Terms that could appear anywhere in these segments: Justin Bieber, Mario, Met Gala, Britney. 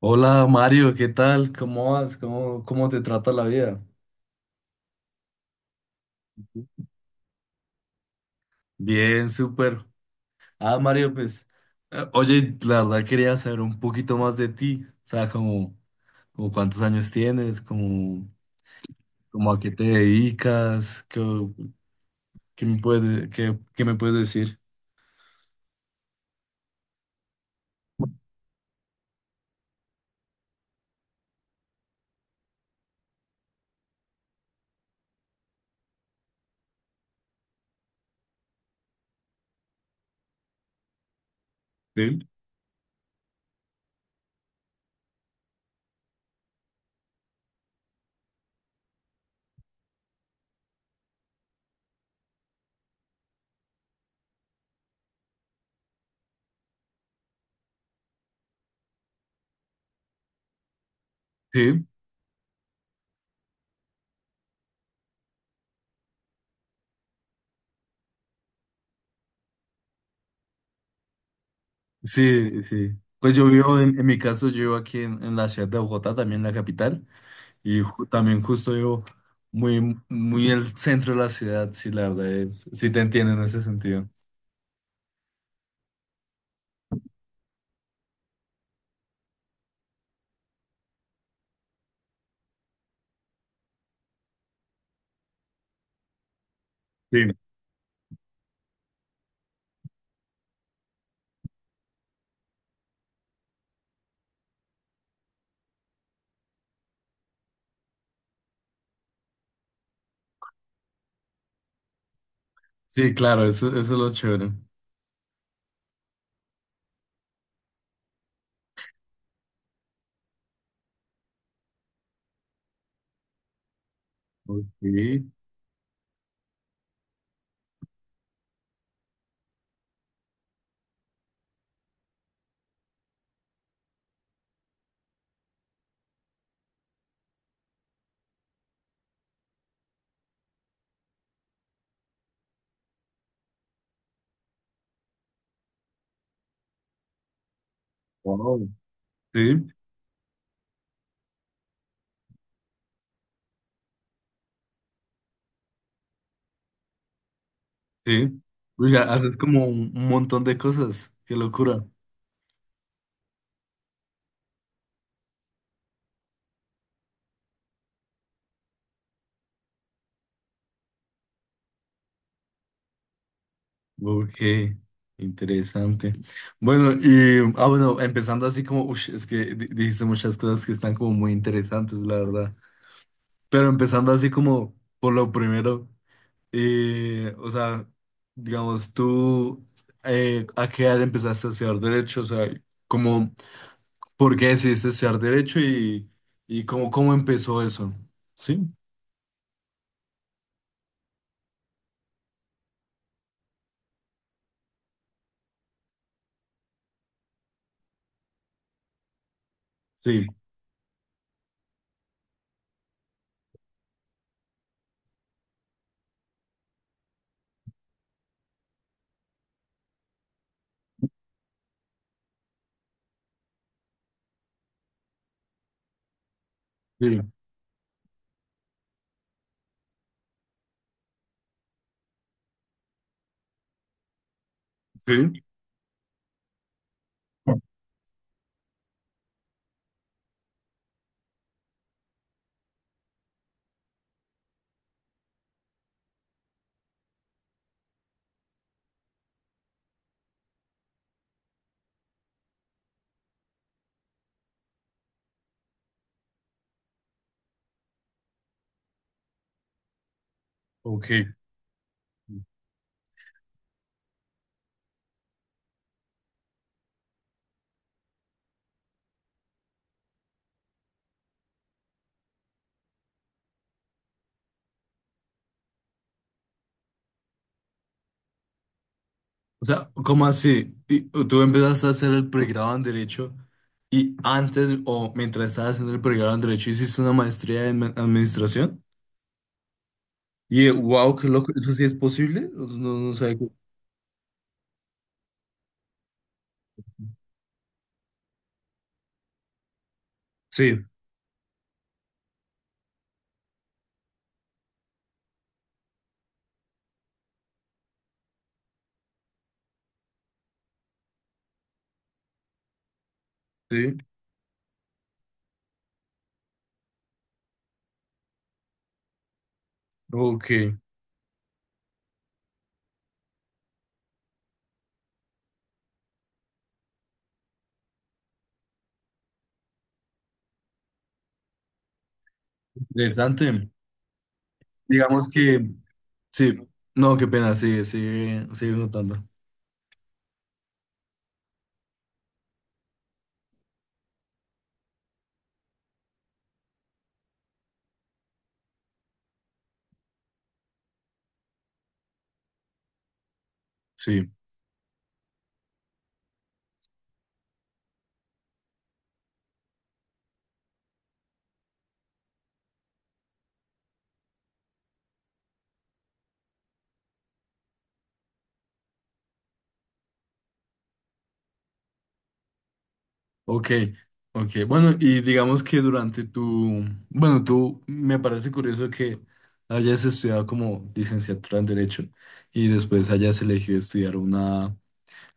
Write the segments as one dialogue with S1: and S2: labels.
S1: Hola Mario, ¿qué tal? ¿Cómo vas? ¿Cómo te trata la vida? Bien, súper. Ah, Mario, pues, oye, la verdad quería saber un poquito más de ti, o sea, como, como cuántos años tienes, como, como a qué te dedicas, qué, qué me puedes, qué, qué me puedes decir. Sí. Sí. Sí, sí. Pues yo vivo, en mi caso, yo vivo aquí en la ciudad de Bogotá, también la capital, y también justo yo muy, muy el centro de la ciudad, sí, la verdad es, sí te entiendo en ese sentido. Sí. Sí, claro, eso es lo chévere. Ok, wow. Sí, sí. Uy, ya haces como un montón de cosas, qué locura. Ok, interesante. Bueno, y, ah, bueno, empezando así como, ush, es que dijiste muchas cosas que están como muy interesantes, la verdad. Pero empezando así como por lo primero, o sea, digamos, tú, ¿a qué edad empezaste a estudiar derecho? O sea, como, ¿por qué decidiste estudiar derecho y cómo, cómo empezó eso? ¿Sí? Sí, sí, sí. Ok. O sea, ¿cómo así? Y tú empezaste a hacer el pregrado en derecho y antes o mientras estabas haciendo el pregrado en derecho hiciste una maestría en administración. Y wow, qué loco, ¿eso sí es posible? No, no sé. Sí, sí, ok, interesante. Digamos que, sí, no, qué pena, sigue, sigue, sigue notando. Sí, ok, ok. Bueno, y digamos que durante tu, bueno, tú me parece curioso que hayas estudiado como licenciatura en Derecho y después hayas elegido estudiar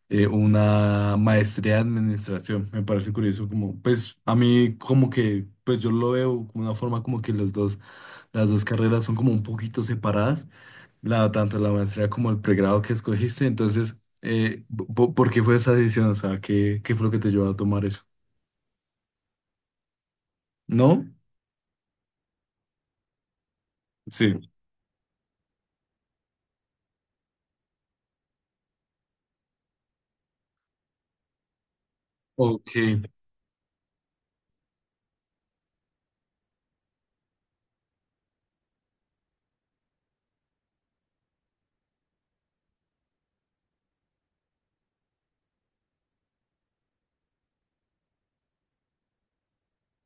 S1: una maestría en Administración. Me parece curioso como, pues a mí como que, pues yo lo veo como una forma como que los dos, las dos carreras son como un poquito separadas la, tanto la maestría como el pregrado que escogiste. Entonces, eh, ¿por qué fue esa decisión? O sea, ¿qué, qué fue lo que te llevó a tomar eso? ¿No? Sí. Ok,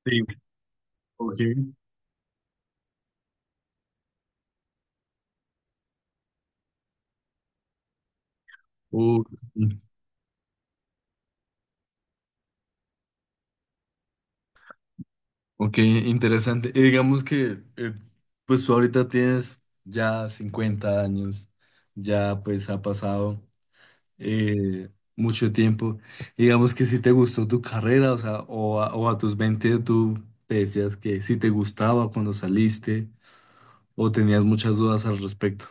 S1: sí, ok. Uh, ok, interesante. Y digamos que, pues tú ahorita tienes ya 50 años, ya pues ha pasado eh, mucho tiempo. Y digamos que si te gustó tu carrera, o sea, o a tus 20 tú te decías que si te gustaba cuando saliste. ¿O tenías muchas dudas al respecto?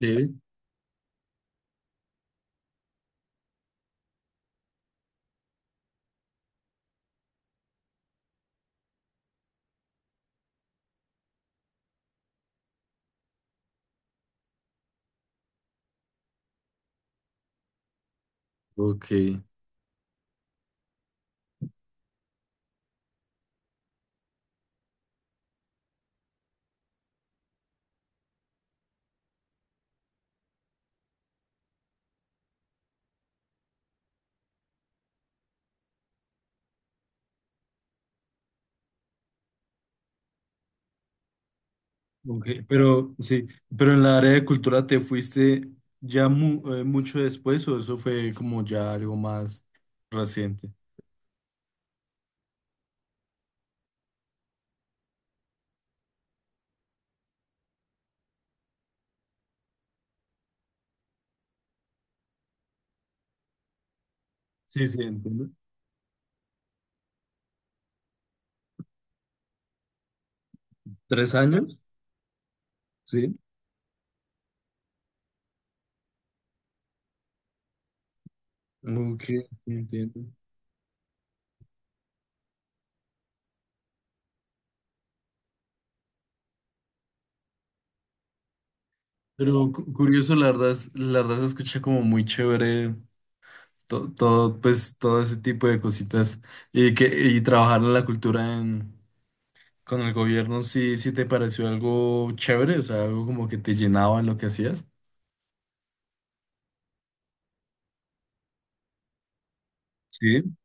S1: Sí, Ok. Ok, pero sí, pero en la área de cultura te fuiste ya mucho después o eso fue como ya algo más reciente. Sí, sí, entiendo. ¿3 años? Sí, ok, entiendo. Pero curioso, la verdad, la verdad se escucha como muy chévere todo, pues todo ese tipo de cositas y que y trabajar en la cultura en con el gobierno sí, sí te pareció algo chévere, o sea, algo como que te llenaba en lo que hacías. Sí.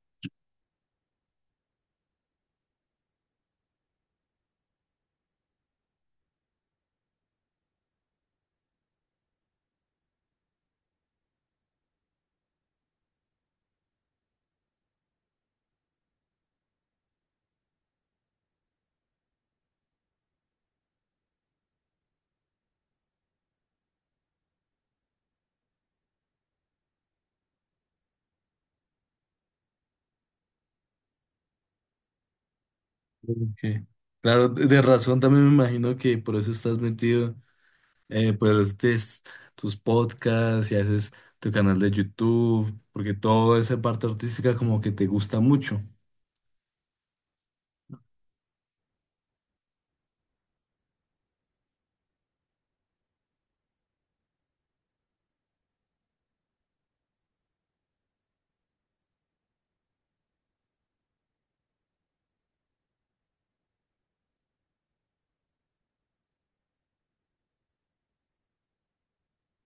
S1: Ok. Claro, de razón también me imagino que por eso estás metido, pues tus podcasts y haces tu canal de YouTube, porque toda esa parte artística como que te gusta mucho.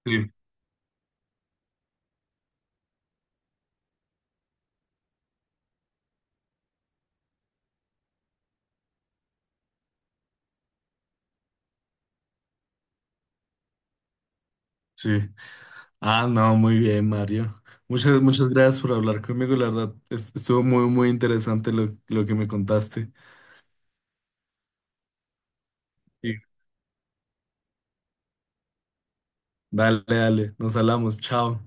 S1: Sí. Sí. Ah, no, muy bien, Mario. Muchas, muchas gracias por hablar conmigo, la verdad, estuvo muy, muy interesante lo que me contaste. Sí. Dale, dale, nos hablamos, chao.